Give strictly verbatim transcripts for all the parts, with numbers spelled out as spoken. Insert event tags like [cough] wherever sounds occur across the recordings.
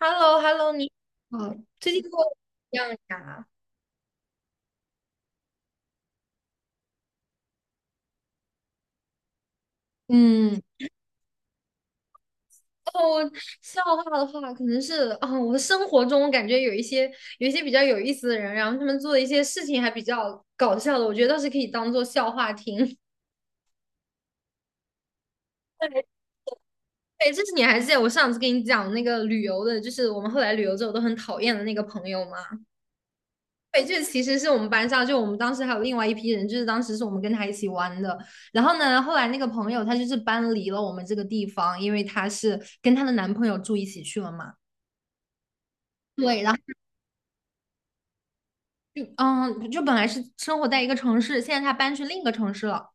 h e l l o h e l l o 你好，最近过得怎么样呀？嗯，哦，笑话的话，可能是啊、我的生活中我感觉有一些有一些比较有意思的人，然后他们做的一些事情还比较搞笑的，我觉得倒是可以当做笑话听。[laughs] 对，对，这是你还记得我上次跟你讲那个旅游的，就是我们后来旅游之后都很讨厌的那个朋友吗？对，这其实是我们班上，就我们当时还有另外一批人，就是当时是我们跟他一起玩的。然后呢，后来那个朋友他就是搬离了我们这个地方，因为她是跟她的男朋友住一起去了嘛。对，然后嗯，就本来是生活在一个城市，现在她搬去另一个城市了。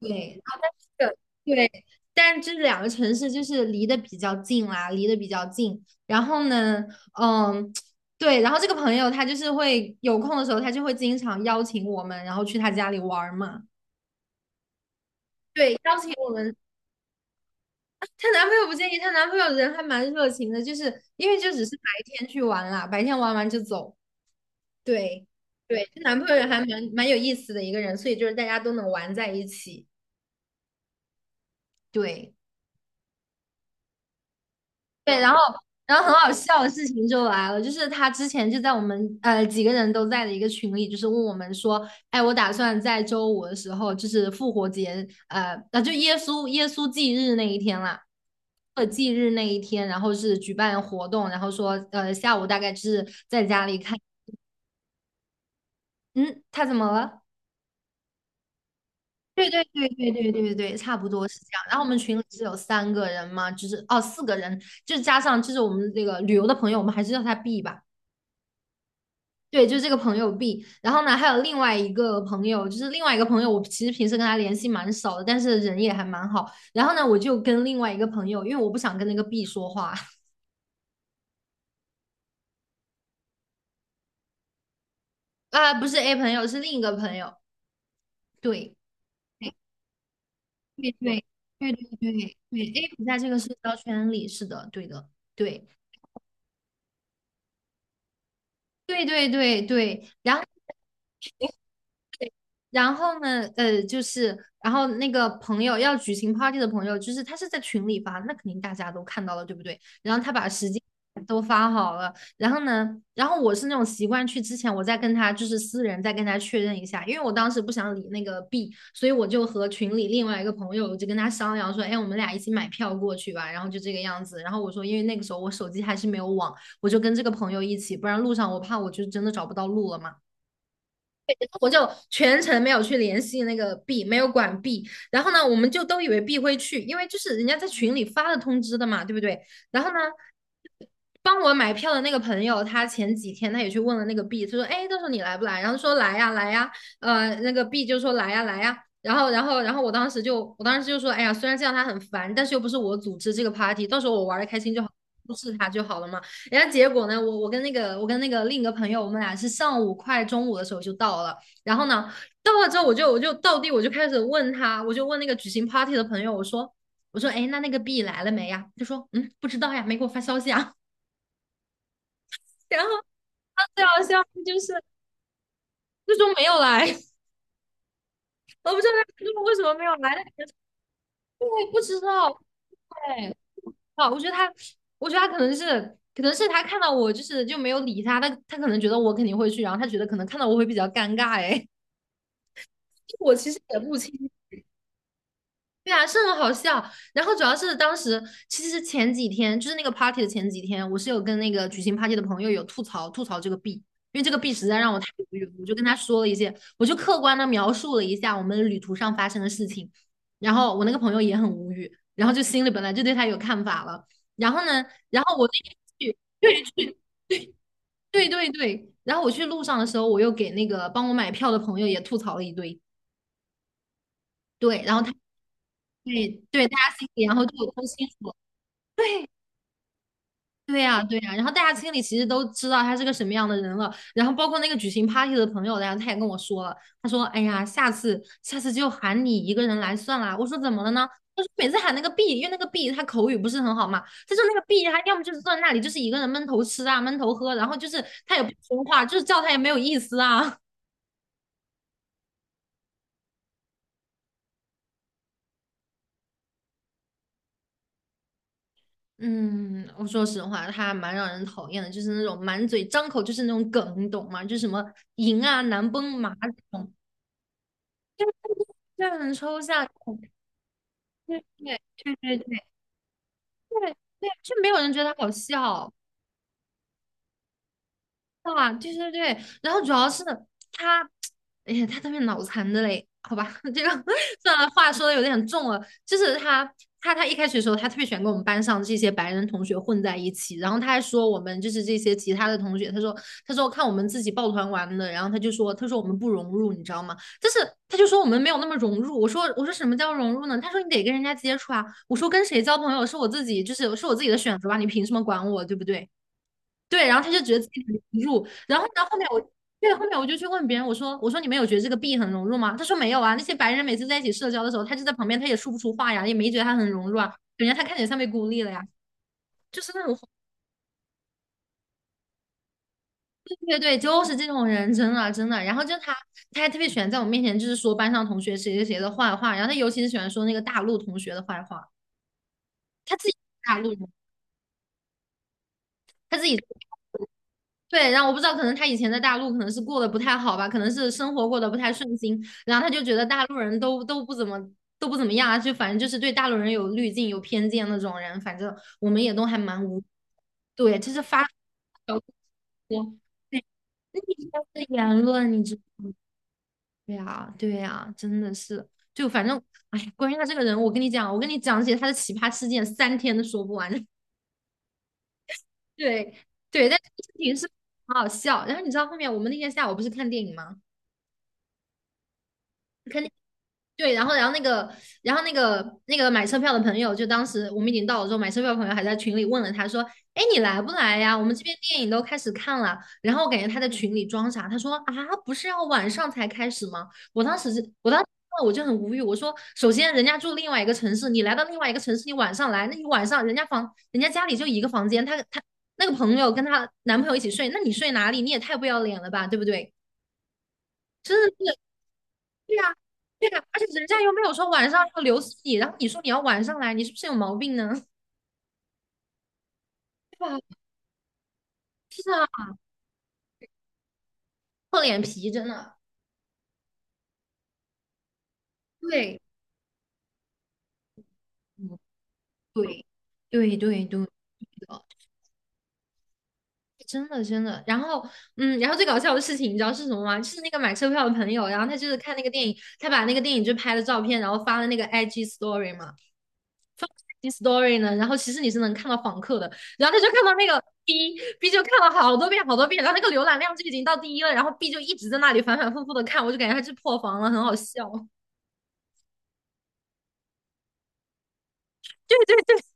对，然后这对，但这两个城市就是离得比较近啦，离得比较近。然后呢，嗯。对，然后这个朋友他就是会有空的时候，他就会经常邀请我们，然后去他家里玩儿嘛。对，邀请我们，她男朋友不介意，她男朋友人还蛮热情的，就是因为就只是白天去玩啦，白天玩完就走。对，对，她男朋友还蛮蛮有意思的一个人，所以就是大家都能玩在一起。对。对，然后然后很好笑的事情就来了，就是他之前就在我们呃几个人都在的一个群里，就是问我们说，哎，我打算在周五的时候，就是复活节，呃，那就耶稣耶稣忌日那一天啦。呃，忌日那一天，然后是举办活动，然后说，呃，下午大概是在家里看，嗯，他怎么了？对对对对对对对，差不多是这样。然后我们群里是有三个人嘛，就是哦四个人，就是加上就是我们这个旅游的朋友，我们还是叫他 B 吧。对，就是这个朋友 B，然后呢，还有另外一个朋友，就是另外一个朋友，我其实平时跟他联系蛮少的，但是人也还蛮好。然后呢，我就跟另外一个朋友，因为我不想跟那个 B 说话。 [laughs] 啊，不是 A 朋友，是另一个朋友。对，对对对对对对对 a 不在这个社交圈里，是的，对的，对对对对对。然后。然后呢，呃，就是，然后那个朋友要举行 party 的朋友，就是他是在群里发，那肯定大家都看到了，对不对？然后他把时间都发好了，然后呢，然后我是那种习惯去之前，我再跟他就是私人再跟他确认一下，因为我当时不想理那个 B，所以我就和群里另外一个朋友，我就跟他商量说，哎，我们俩一起买票过去吧，然后就这个样子。然后我说，因为那个时候我手机还是没有网，我就跟这个朋友一起，不然路上我怕我就真的找不到路了嘛。我就全程没有去联系那个 B，没有管 B。然后呢，我们就都以为 B 会去，因为就是人家在群里发了通知的嘛，对不对？然后呢，帮我买票的那个朋友，他前几天他也去问了那个 B，他说："哎，到时候你来不来？"然后说："来呀，来呀。"呃，那个 B 就说："来呀，来呀。"然后，然后，然后我当时就，我当时就说："哎呀，虽然这样他很烦，但是又不是我组织这个 party，到时候我玩的开心就好。"不是他就好了嘛。然后结果呢，我我跟那个我跟那个另一个朋友，我们俩是上午快中午的时候就到了，然后呢，到了之后我就我就到地我就开始问他，我就问那个举行 party 的朋友，我说我说哎，那那个 B 来了没呀？他说嗯，不知道呀，没给我发消息啊。[laughs] 然后他最好笑的就是就说没有来，[laughs] 我不知道他说为什么没有来，我也不知道。对，啊，我觉得他，我觉得他可能是，可能是他看到我就是就没有理他，他他可能觉得我肯定会去，然后他觉得可能看到我会比较尴尬，哎，[laughs] 我其实也不清对啊，是很好笑。然后主要是当时其实是前几天，就是那个 party 的前几天，我是有跟那个举行 party 的朋友有吐槽吐槽这个 B，因为这个 B 实在让我太无语了。我就跟他说了一些，我就客观的描述了一下我们旅途上发生的事情。然后我那个朋友也很无语，然后就心里本来就对他有看法了。然后呢，然后我那天去，对去，对对对。然后我去路上的时候，我又给那个帮我买票的朋友也吐槽了一堆，对，然后他对对大家心里然后就有都清楚了。对对呀，对呀，然后大家心里其实都知道他是个什么样的人了，然后包括那个举行 party 的朋友，然后他也跟我说了，他说："哎呀，下次下次就喊你一个人来算啦。"我说："怎么了呢？"他说："每次喊那个 B，因为那个 B 他口语不是很好嘛，他说那个 B 他要么就是坐在那里就是一个人闷头吃啊，闷头喝，然后就是他也不说话，就是叫他也没有意思啊。[laughs]”嗯，我说实话，他蛮让人讨厌的，就是那种满嘴张口就是那种梗，你懂吗？就是什么赢啊、难崩马这种。就这很抽象，对对对对对对，就没有人觉得他好笑。啊，对对对，然后主要是他，哎呀，他特别脑残的嘞，好吧，[laughs] 这个算了，话说的有点重了，就是他，他他一开始的时候，他特别喜欢跟我们班上这些白人同学混在一起，然后他还说我们就是这些其他的同学，他说他说看我们自己抱团玩的，然后他就说他说我们不融入，你知道吗？但是他就说我们没有那么融入，我说我说什么叫融入呢？他说你得跟人家接触啊，我说跟谁交朋友是我自己，就是是我自己的选择吧，你凭什么管我，对不对？对，然后他就觉得自己很融入，然后呢，后面我对，后面我就去问别人，我说我说你们有觉得这个 B 很融入吗？他说没有啊，那些白人每次在一起社交的时候，他就在旁边，他也说不出话呀，也没觉得他很融入啊，感觉他看起来像被孤立了呀，就是那种对对对，就是这种人，真的真的。然后就他他还特别喜欢在我面前就是说班上同学谁谁谁的坏话，然后他尤其是喜欢说那个大陆同学的坏话，他自己是大陆人他自己。对，然后我不知道，可能他以前在大陆可能是过得不太好吧，可能是生活过得不太顺心，然后他就觉得大陆人都都不怎么都不怎么样啊，就反正就是对大陆人有滤镜、有偏见那种人，反正我们也都还蛮无，对，就是发表过对逆风的言论，你知道呀，对呀，真的是，就反正，哎呀，关于他这个人，我跟你讲，我跟你讲起他的奇葩事件，三天都说不完。[laughs] 对，对，但这个事情是很好笑。然后你知道后面我们那天下午不是看电影吗？看对，然后，然后那个，然后那个那个买车票的朋友，就当时我们已经到了之后，买车票的朋友还在群里问了他说：“哎，你来不来呀？我们这边电影都开始看了。”然后我感觉他在群里装傻，他说：“啊，不是要晚上才开始吗？”我当时是，我当时我就很无语，我说：“首先人家住另外一个城市，你来到另外一个城市，你晚上来，那你晚上人家房，人家家里就一个房间，他他那个朋友跟她男朋友一起睡，那你睡哪里？你也太不要脸了吧，对不对？真的是。”对呀，对呀，而且人家又没有说晚上要留宿你，然后你说你要晚上来，你是不是有毛病呢？[laughs] 对吧？是啊，厚脸皮真的。对，嗯，对，对对对，的，真的真的。然后，嗯，然后最搞笑的事情你知道是什么吗？就是那个买车票的朋友，然后他就是看那个电影，他把那个电影就拍了照片，然后发了那个 I G story 嘛。story 呢，然后其实你是能看到访客的，然后他就看到那个 B B 就看了好多遍好多遍，然后那个浏览量就已经到第一了，然后 B 就一直在那里反反复复的看，我就感觉他是破防了，很好笑。对对对，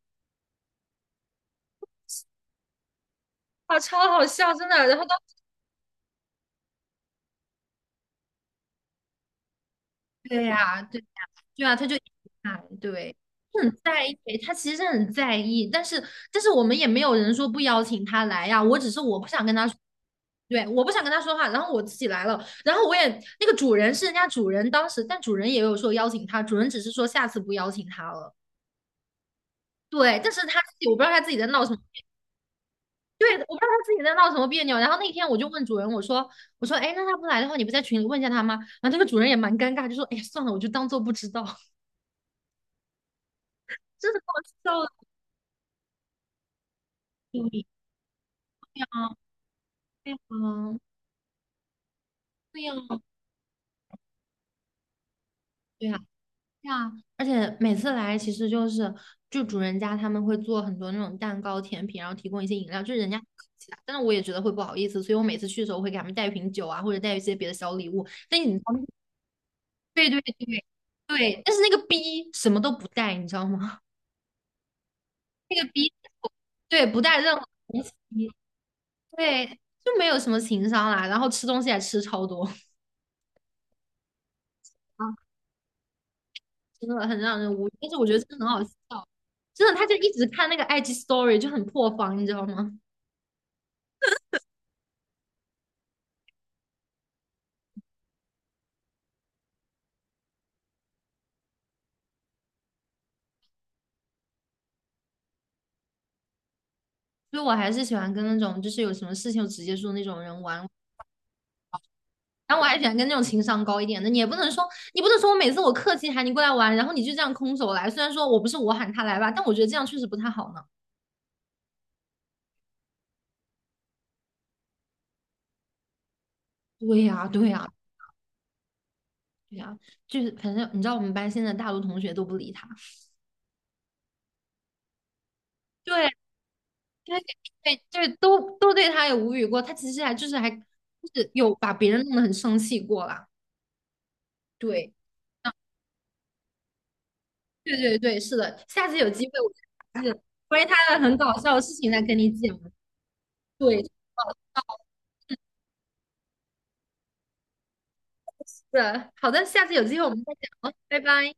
啊，超好笑，真的。然后当对呀，对呀，对呀，他就哎，对，很在意，他其实很在意，但是但是我们也没有人说不邀请他来呀，我只是我不想跟他说对，我不想跟他说话，然后我自己来了，然后我也那个主人是人家主人当时，但主人也有说邀请他，主人只是说下次不邀请他了，对，但是他自己我不知道他自己在闹什么。对，我不知道他自己在闹什么别扭。然后那天我就问主人，我说，我说，哎，那他不来的话，你不在群里问一下他吗？然后那个主人也蛮尴尬，就说，哎呀，算了，我就当做不知道。真的搞笑的主题，对呀，对呀，对呀，对呀，对呀，而且每次来其实就是就主人家他们会做很多那种蛋糕、甜品，然后提供一些饮料，就是人家很客气啊。但是我也觉得会不好意思，所以我每次去的时候会给他们带一瓶酒啊，或者带一些别的小礼物。但你知道那个对对对对，但是那个 B 什么都不带，你知道吗？[laughs] 那个 B 对不带任何东西，对，就没有什么情商啦，然后吃东西还吃超多。[laughs] 真的很让人无语。但是我觉得真的很好笑，真的，他就一直看那个 I G Story 就很破防，你知道吗？所以我还是喜欢跟那种就是有什么事情就直接说那种人玩。然后我还喜欢跟那种情商高一点的，你也不能说，你不能说我每次我客气喊你过来玩，然后你就这样空手来。虽然说我不是我喊他来吧，但我觉得这样确实不太好呢。对呀，对呀，对呀，就是反正你知道我们班现在大多同学都不理他，对，对，对，对，都都对他有无语过。他其实还就是还就是有把别人弄得很生气过啦。对。对对对，是的，下次有机会我就是关于他的很搞笑的事情再跟你讲。对，哦，是的好的，下次有机会我们再讲哦，拜拜。